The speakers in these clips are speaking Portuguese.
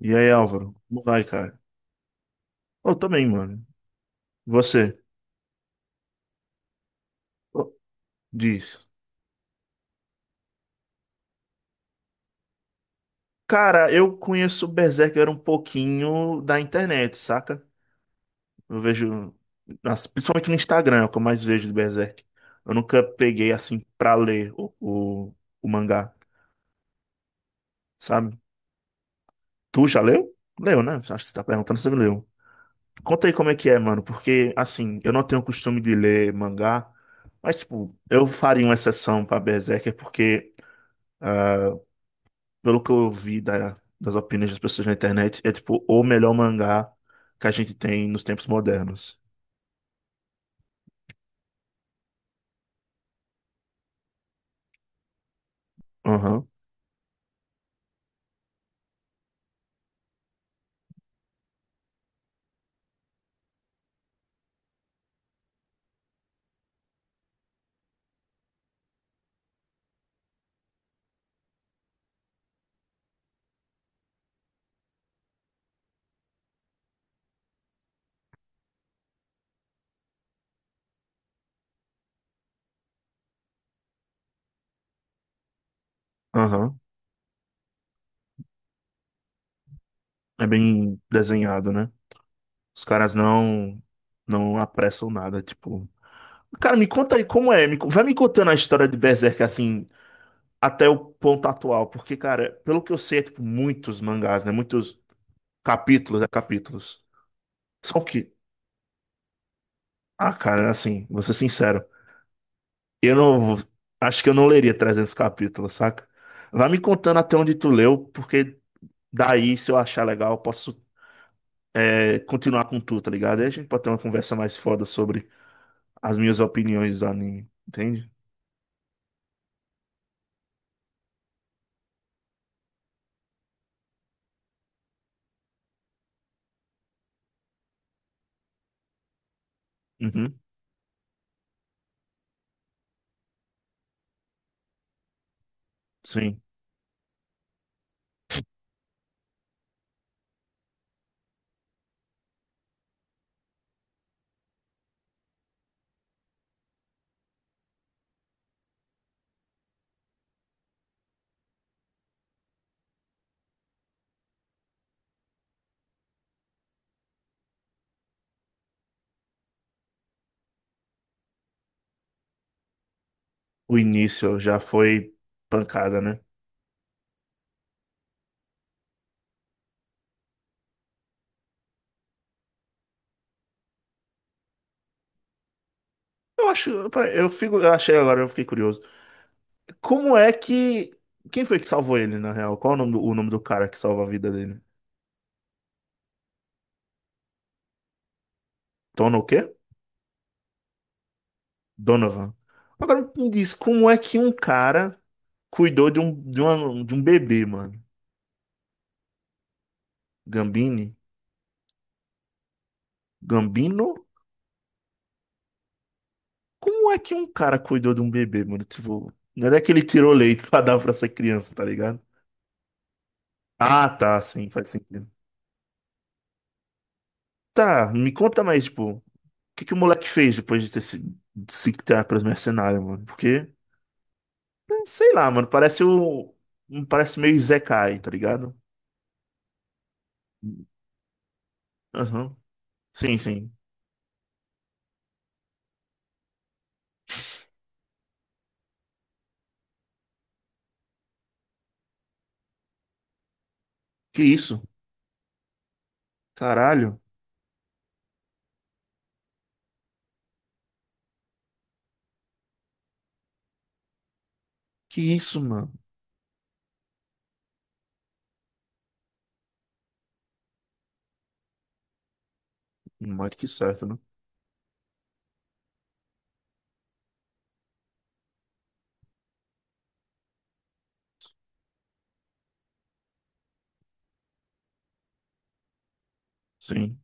E aí, Álvaro? Como vai, cara? Eu também, mano. Você? Ô, diz. Cara, eu conheço Berserker um pouquinho da internet, saca? Eu vejo, principalmente no Instagram, é o que eu mais vejo de Berserk. Eu nunca peguei, assim, pra ler o mangá, sabe? Tu já leu? Leu, né? Acho que você tá perguntando se você leu. Conta aí como é que é, mano, porque, assim, eu não tenho costume de ler mangá, mas, tipo, eu faria uma exceção pra Berserker porque. Ah, pelo que eu vi das opiniões das pessoas na internet, é tipo o melhor mangá que a gente tem nos tempos modernos. Aham, aham. É bem desenhado, né? Os caras não apressam nada, tipo. Cara, me conta aí como é, vai me contando a história de Berserk assim, até o ponto atual, porque cara, pelo que eu sei, é tipo muitos mangás, né? Muitos capítulos, é capítulos. Só que, cara, assim, vou ser sincero. Eu não. Acho que eu não leria 300 capítulos, saca? Vai me contando até onde tu leu, porque daí, se eu achar legal, eu posso continuar com tu, tá ligado? Aí a gente pode ter uma conversa mais foda sobre as minhas opiniões do anime, entende? Uhum, sim. O início já foi pancada, né? Eu acho. Eu achei agora, eu fiquei curioso. Como é que. Quem foi que salvou ele, na real? Qual o nome do cara que salva a vida dele? Tono o quê? Donovan. Agora me diz, como é que um cara cuidou de um bebê, mano? Gambini? Gambino? Como é que um cara cuidou de um bebê, mano? Tipo, não é que ele tirou leite pra dar pra essa criança, tá ligado? Ah, tá, sim, faz sentido. Tá, me conta mais, tipo, o que o moleque fez depois de se criar pros mercenários, mano? Porque, sei lá, mano, parece o. Parece meio Zekai, tá ligado? Aham. Sim, sim. Que isso? Caralho. Que isso, mano? Mais do que certo, né? Sim.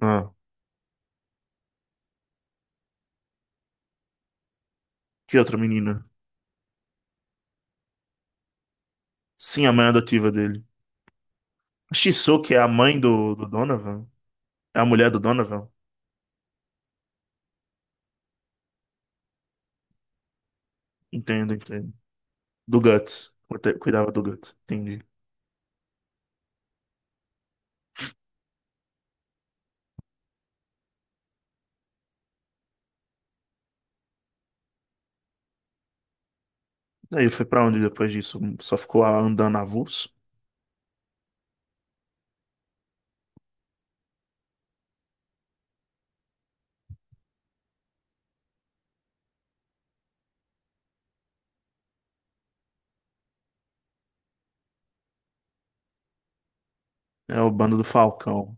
Ah, que outra menina? Sim, a mãe adotiva dele. A Shizuka é a mãe do Donovan? É a mulher do Donovan? Entendo, entendo. Do Guts. Cuidava do Guts. Entendi. Daí foi pra onde depois disso? Só ficou andando avulso? É o bando do Falcão.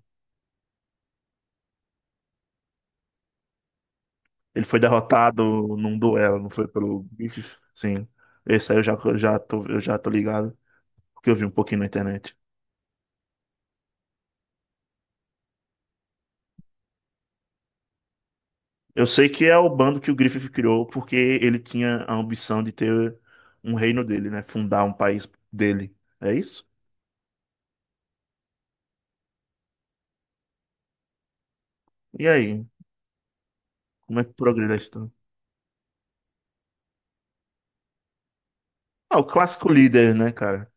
Ele foi derrotado num duelo, não foi pelo bife? Sim. Esse aí eu já tô ligado, porque eu vi um pouquinho na internet. Eu sei que é o bando que o Griffith criou porque ele tinha a ambição de ter um reino dele, né? Fundar um país dele. É isso? E aí? Como é que progride a história? Ah, o clássico líder, né, cara?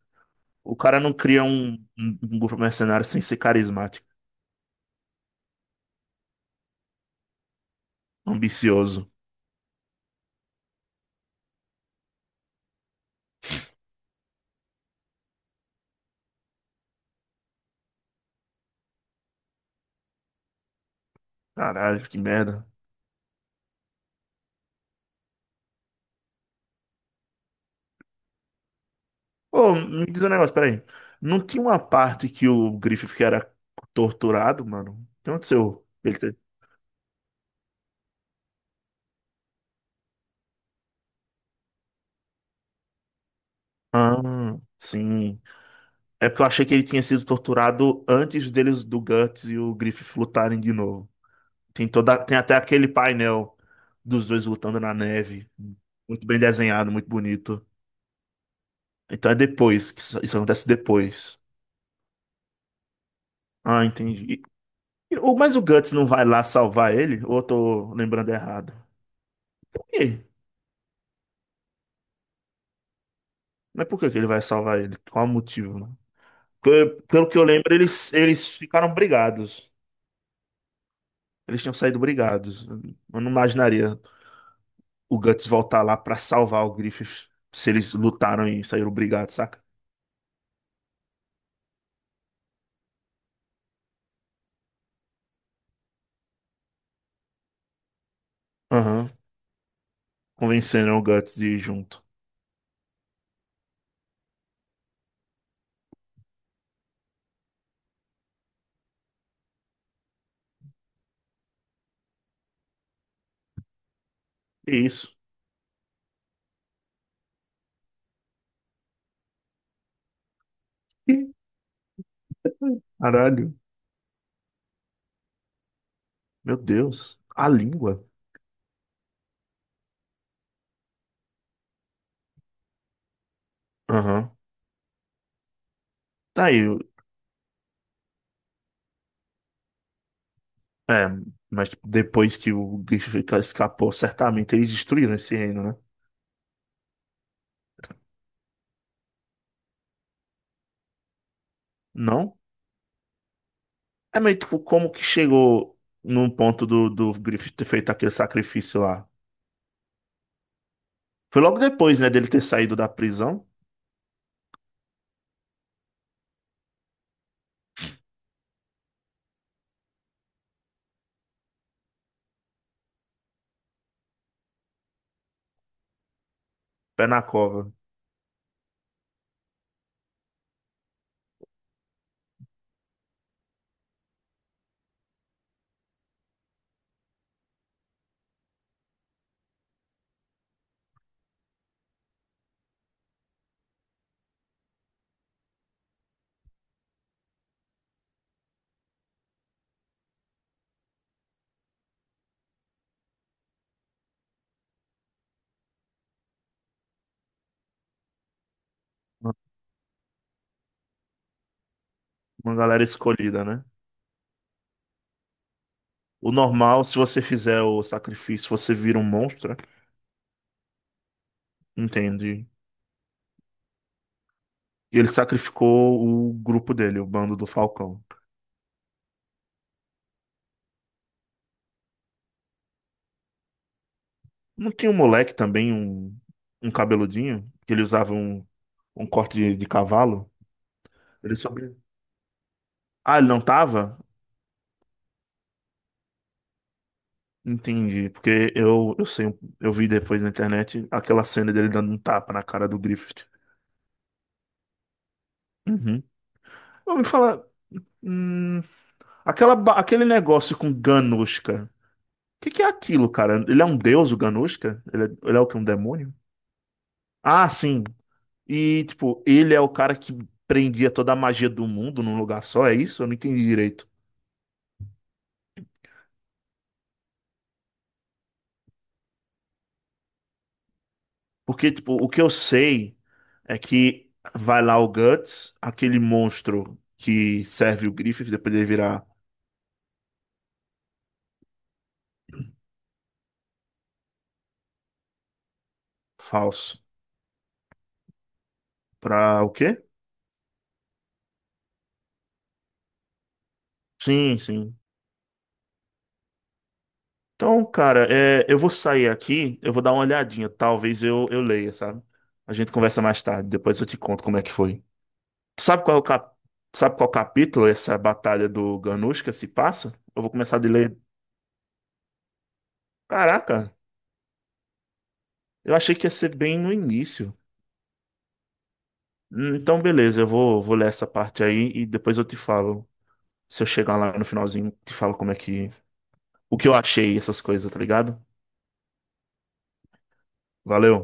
O cara não cria um grupo mercenário sem ser carismático, ambicioso. Caralho, que merda. Ô, me diz um negócio, peraí. Não tinha uma parte que o Griffith era torturado, mano? O que aconteceu? Ah, sim. É porque eu achei que ele tinha sido torturado antes deles do Guts e o Griffith lutarem de novo. Tem toda, tem até aquele painel dos dois lutando na neve, muito bem desenhado, muito bonito. Então é depois que isso acontece depois. Ah, entendi. Mas o Guts não vai lá salvar ele? Ou eu tô lembrando errado? Por quê? Mas por que que ele vai salvar ele? Qual o motivo, né? Porque, pelo que eu lembro, eles ficaram brigados. Eles tinham saído brigados. Eu não imaginaria. O Guts voltar lá pra salvar o Griffith se eles lutaram e saíram brigados, saca? Aham. Convenceram o Guts de ir junto. Que isso. Ih, caralho. Meu Deus. A língua. Aham. Tá aí. É, mas depois que o Griffith escapou, certamente eles destruíram esse reino, né? Não? É meio tipo, como que chegou num ponto do Griffith ter feito aquele sacrifício lá? Foi logo depois, né, dele ter saído da prisão? Pé na cova. Uma uma galera escolhida, né? O normal, se você fizer o sacrifício, você vira um monstro, né? Entende? E ele sacrificou o grupo dele, o bando do Falcão. Não tinha um moleque também, um cabeludinho, que ele usava um corte de cavalo? Ele sobre... Ah, ele não tava? Entendi, porque eu sei, eu vi depois na internet aquela cena dele dando um tapa na cara do Griffith. Uhum. Eu me falar, hum, aquela, aquele negócio com Ganushka. Que é aquilo, cara? Ele é um deus, o Ganushka? Ele é o que? Um demônio? Ah, sim. E, tipo, ele é o cara que prendia toda a magia do mundo num lugar só, é isso? Eu não entendi direito. Porque, tipo, o que eu sei é que vai lá o Guts, aquele monstro que serve o Griffith, depois ele virar falso. Pra o quê? Sim, sim. Então, cara, é, eu vou sair aqui, eu vou dar uma olhadinha. Talvez eu leia, sabe? A gente conversa mais tarde, depois eu te conto como é que foi. Sabe qual é o cap... sabe qual capítulo essa batalha do Ganushka se passa? Eu vou começar de ler. Caraca, eu achei que ia ser bem no início. Então, beleza, eu vou, vou ler essa parte aí e depois eu te falo. Se eu chegar lá no finalzinho, te falo como é que. O que eu achei, essas coisas, tá ligado? Valeu.